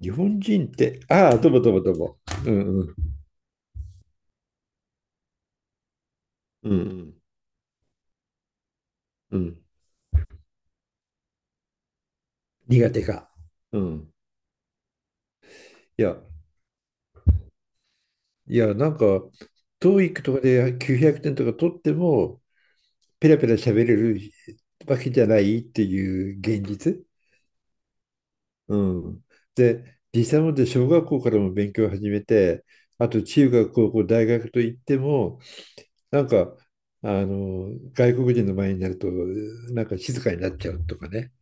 日本人って、ああ、とぼとぼとぼ。うんうん。うんうん。うん、苦手か。うん。いや、いや、トーイックとかで900点とか取っても、ペラペラ喋れるわけじゃないっていう現実。うん。で、実際もで小学校からも勉強を始めて、あと中学、高校、大学といっても、なんか、外国人の前になると、なんか静かになっちゃうとかね。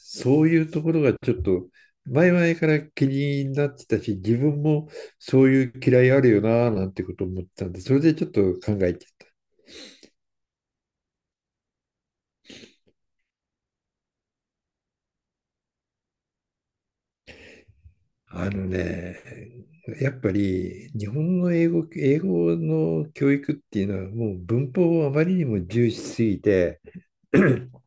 そういうところがちょっと前々から気になってたし、自分もそういう嫌いあるよななんてこと思ってたんで、それでちょっと考えてた。あのね、やっぱり日本の英語、英語の教育っていうのはもう文法をあまりにも重視しすぎて、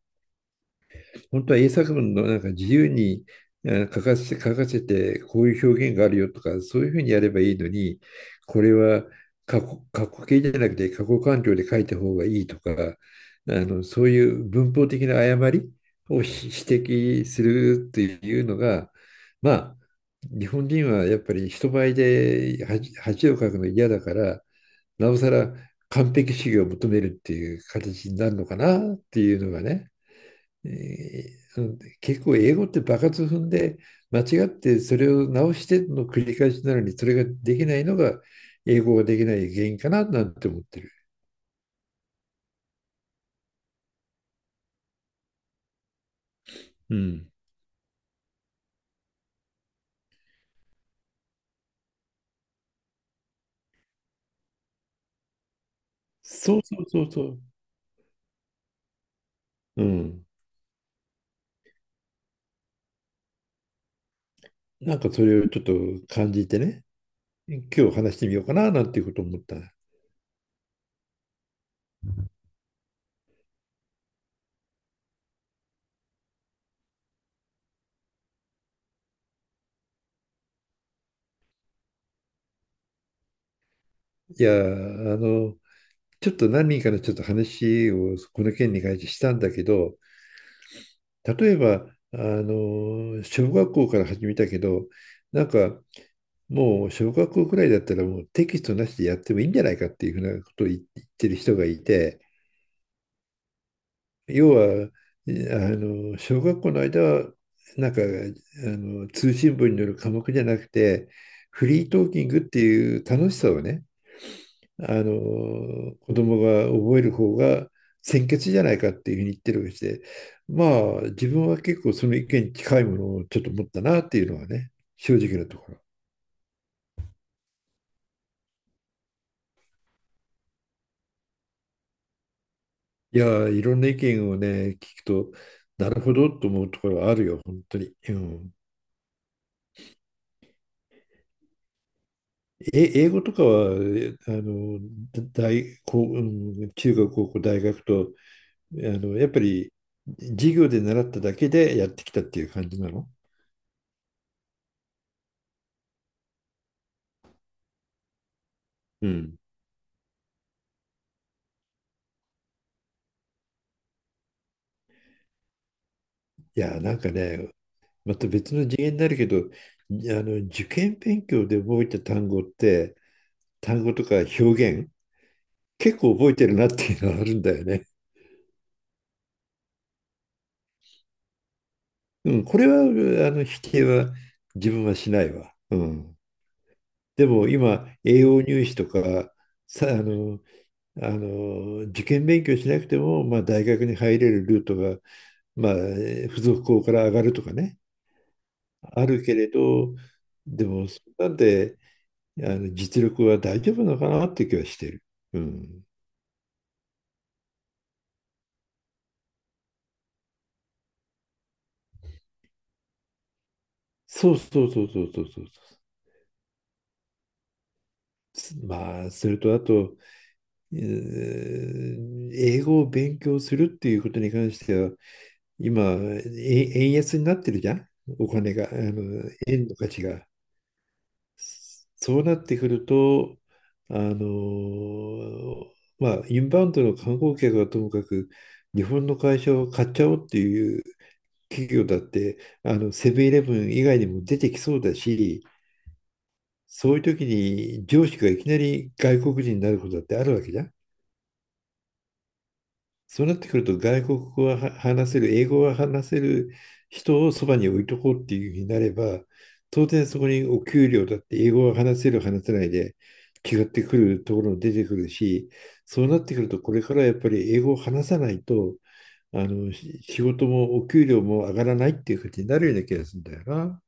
本当は英作文のなんか自由に書かせて、こういう表現があるよとか、そういうふうにやればいいのに、これは過去形じゃなくて過去完了で書いた方がいいとか、そういう文法的な誤りを指摘するっていうのが、まあ、日本人はやっぱり人前で恥をかくの嫌だから、なおさら完璧主義を求めるっていう形になるのかなっていうのがね。えー結構英語って場数踏んで間違ってそれを直しての繰り返しなのにそれができないのが英語ができない原因かななんて思ってる。うん。そうそうそうそう。うん。なんかそれをちょっと感じてね、今日話してみようかななんていうことを思った。いやー、ちょっと何人かのちょっと話をこの件に関してしたんだけど、例えば、小学校から始めたけど、なんかもう小学校くらいだったらもうテキストなしでやってもいいんじゃないかっていうふうなことを言ってる人がいて、要は、小学校の間は、なんか、あ通信簿による科目じゃなくて、フリートーキングっていう楽しさをね、子供が覚える方が先決じゃないかっていうふうに言ってるわけで、まあ、自分は結構その意見に近いものをちょっと持ったなっていうのはね、正直なところ。いやー、いろんな意見をね、聞くと、なるほどと思うところはあるよ、本当に。うん。英語とかは、えあの、大、こう、う中学、高校、大学と、やっぱり授業で習っただけでやってきたっていう感じなの。うん。いやー、なんかね、また別の次元になるけど、受験勉強で覚えた単語って、単語とか表現、結構覚えてるなっていうのはあるんだよね。うん、これは、否定は自分はしないわ。うん。でも今、栄養入試とか、さ、あの、受験勉強しなくても、まあ、大学に入れるルートが、まあ、付属校から上がるとかね、あるけれど、でも、そんなんで、実力は大丈夫なのかなって気はしてる。うん。そうそうそうそうそうそう。まあ、それとあと、英語を勉強するっていうことに関しては、今、円安になってるじゃん、お金が、円の価値が。そうなってくると、あの、まあ、インバウンドの観光客はともかく、日本の会社を買っちゃおうっていう企業だって、セブンイレブン以外にも出てきそうだし、そういう時に上司がいきなり外国人になることだってあるわけじゃん。そうなってくると外国語は話せる、英語は話せる人をそばに置いとこうっていうふうになれば、当然そこにお給料だって英語は話せる、話せないで違ってくるところも出てくるし、そうなってくるとこれからやっぱり英語を話さないと、仕事もお給料も上がらないっていう感じになるような気がするんだよな。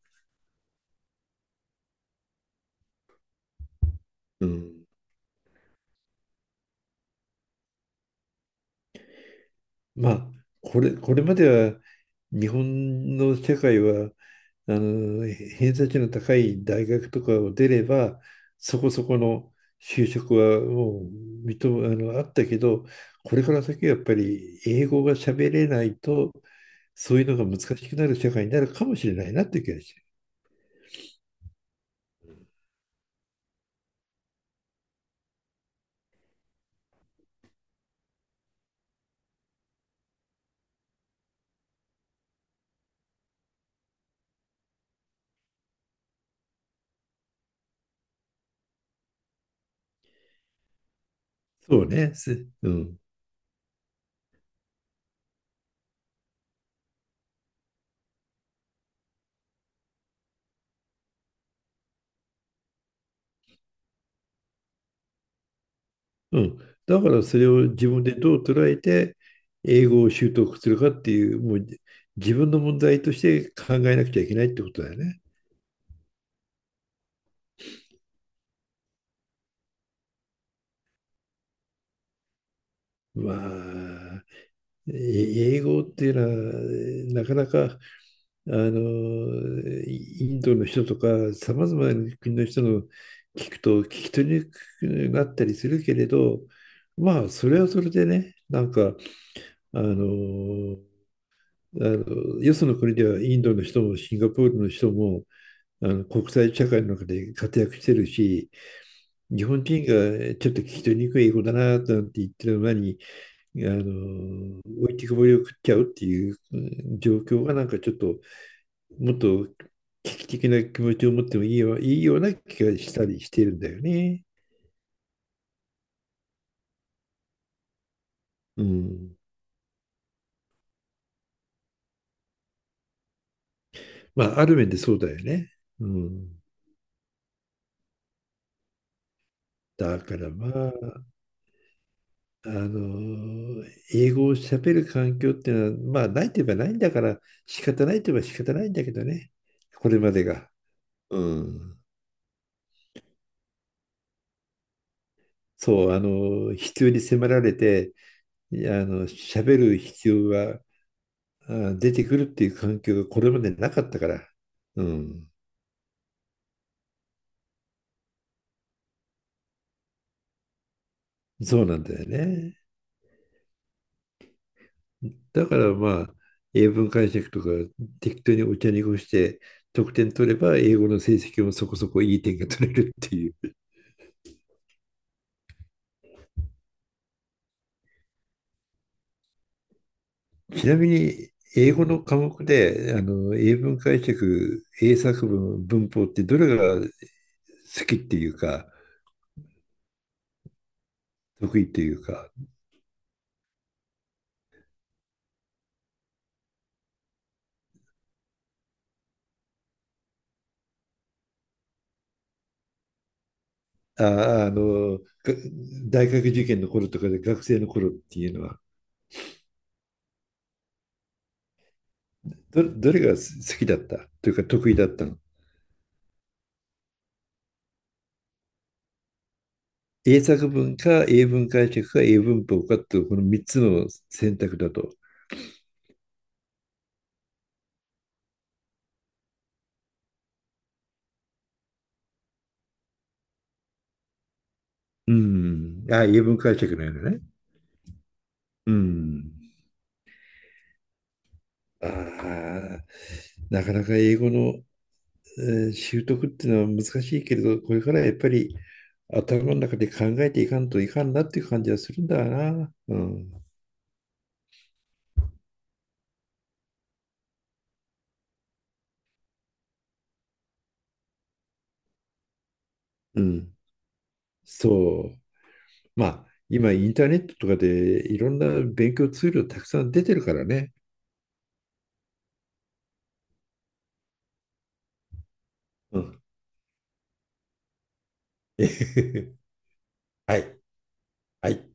うん。まあ、これまでは日本の世界は偏差値の高い大学とかを出れば、そこそこの就職はもうあったけど、これから先はやっぱり英語が喋れないと、そういうのが難しくなる社会になるかもしれないなって気がして。そうね。すうん。うん。だからそれを自分でどう捉えて、英語を習得するかっていう、もう自分の問題として考えなくちゃいけないってことだよね。まあ、英語っていうのは、なかなか、あの、インドの人とか、さまざまな国の人の聞くと、聞き取りにくくなったりするけれど、まあ、それはそれでね、あの、よその国ではインドの人もシンガポールの人も、国際社会の中で活躍してるし、日本人がちょっと聞き取りにくい英語だな、なんて言ってるのに、置いてくぼりを食っちゃうっていう状況がなんかちょっと、もっと危機的な気持ちを持ってもいいよ、いいような気がしたりしてるんだよね。うん。まあ、ある面でそうだよね。うん。だからまあ、あの、英語を喋る環境っていうのは、まあ、ないといえばないんだから、仕方ないといえば仕方ないんだけどね。これまでが。うん。そう、必要に迫られて、喋る必要が出てくるっていう環境がこれまでなかったから、うん、そうなんだよね。だからまあ、英文解釈とか適当にお茶に濁して得点取れば、英語の成績もそこそこいい点が取れるっていう。ちなみに、英語の科目で、英文解釈、英作文、文法ってどれが好きっていうか、得意っていうか、あ、あの、が大学受験の頃とかで学生の頃っていうのは、どれが好きだったというか得意だったの。英作文か英文解釈か英文法かっていうこの3つの選択だと。うん。あ、英文解釈なのね。うん。ああ、なかなか英語の、習得っていうのは難しいけれど、これからやっぱり頭の中で考えていかんといかんなっていう感じはするんだな。うん。うん。そう。まあ、今インターネットとかでいろんな勉強ツールたくさん出てるからね。うん。 はい。はい。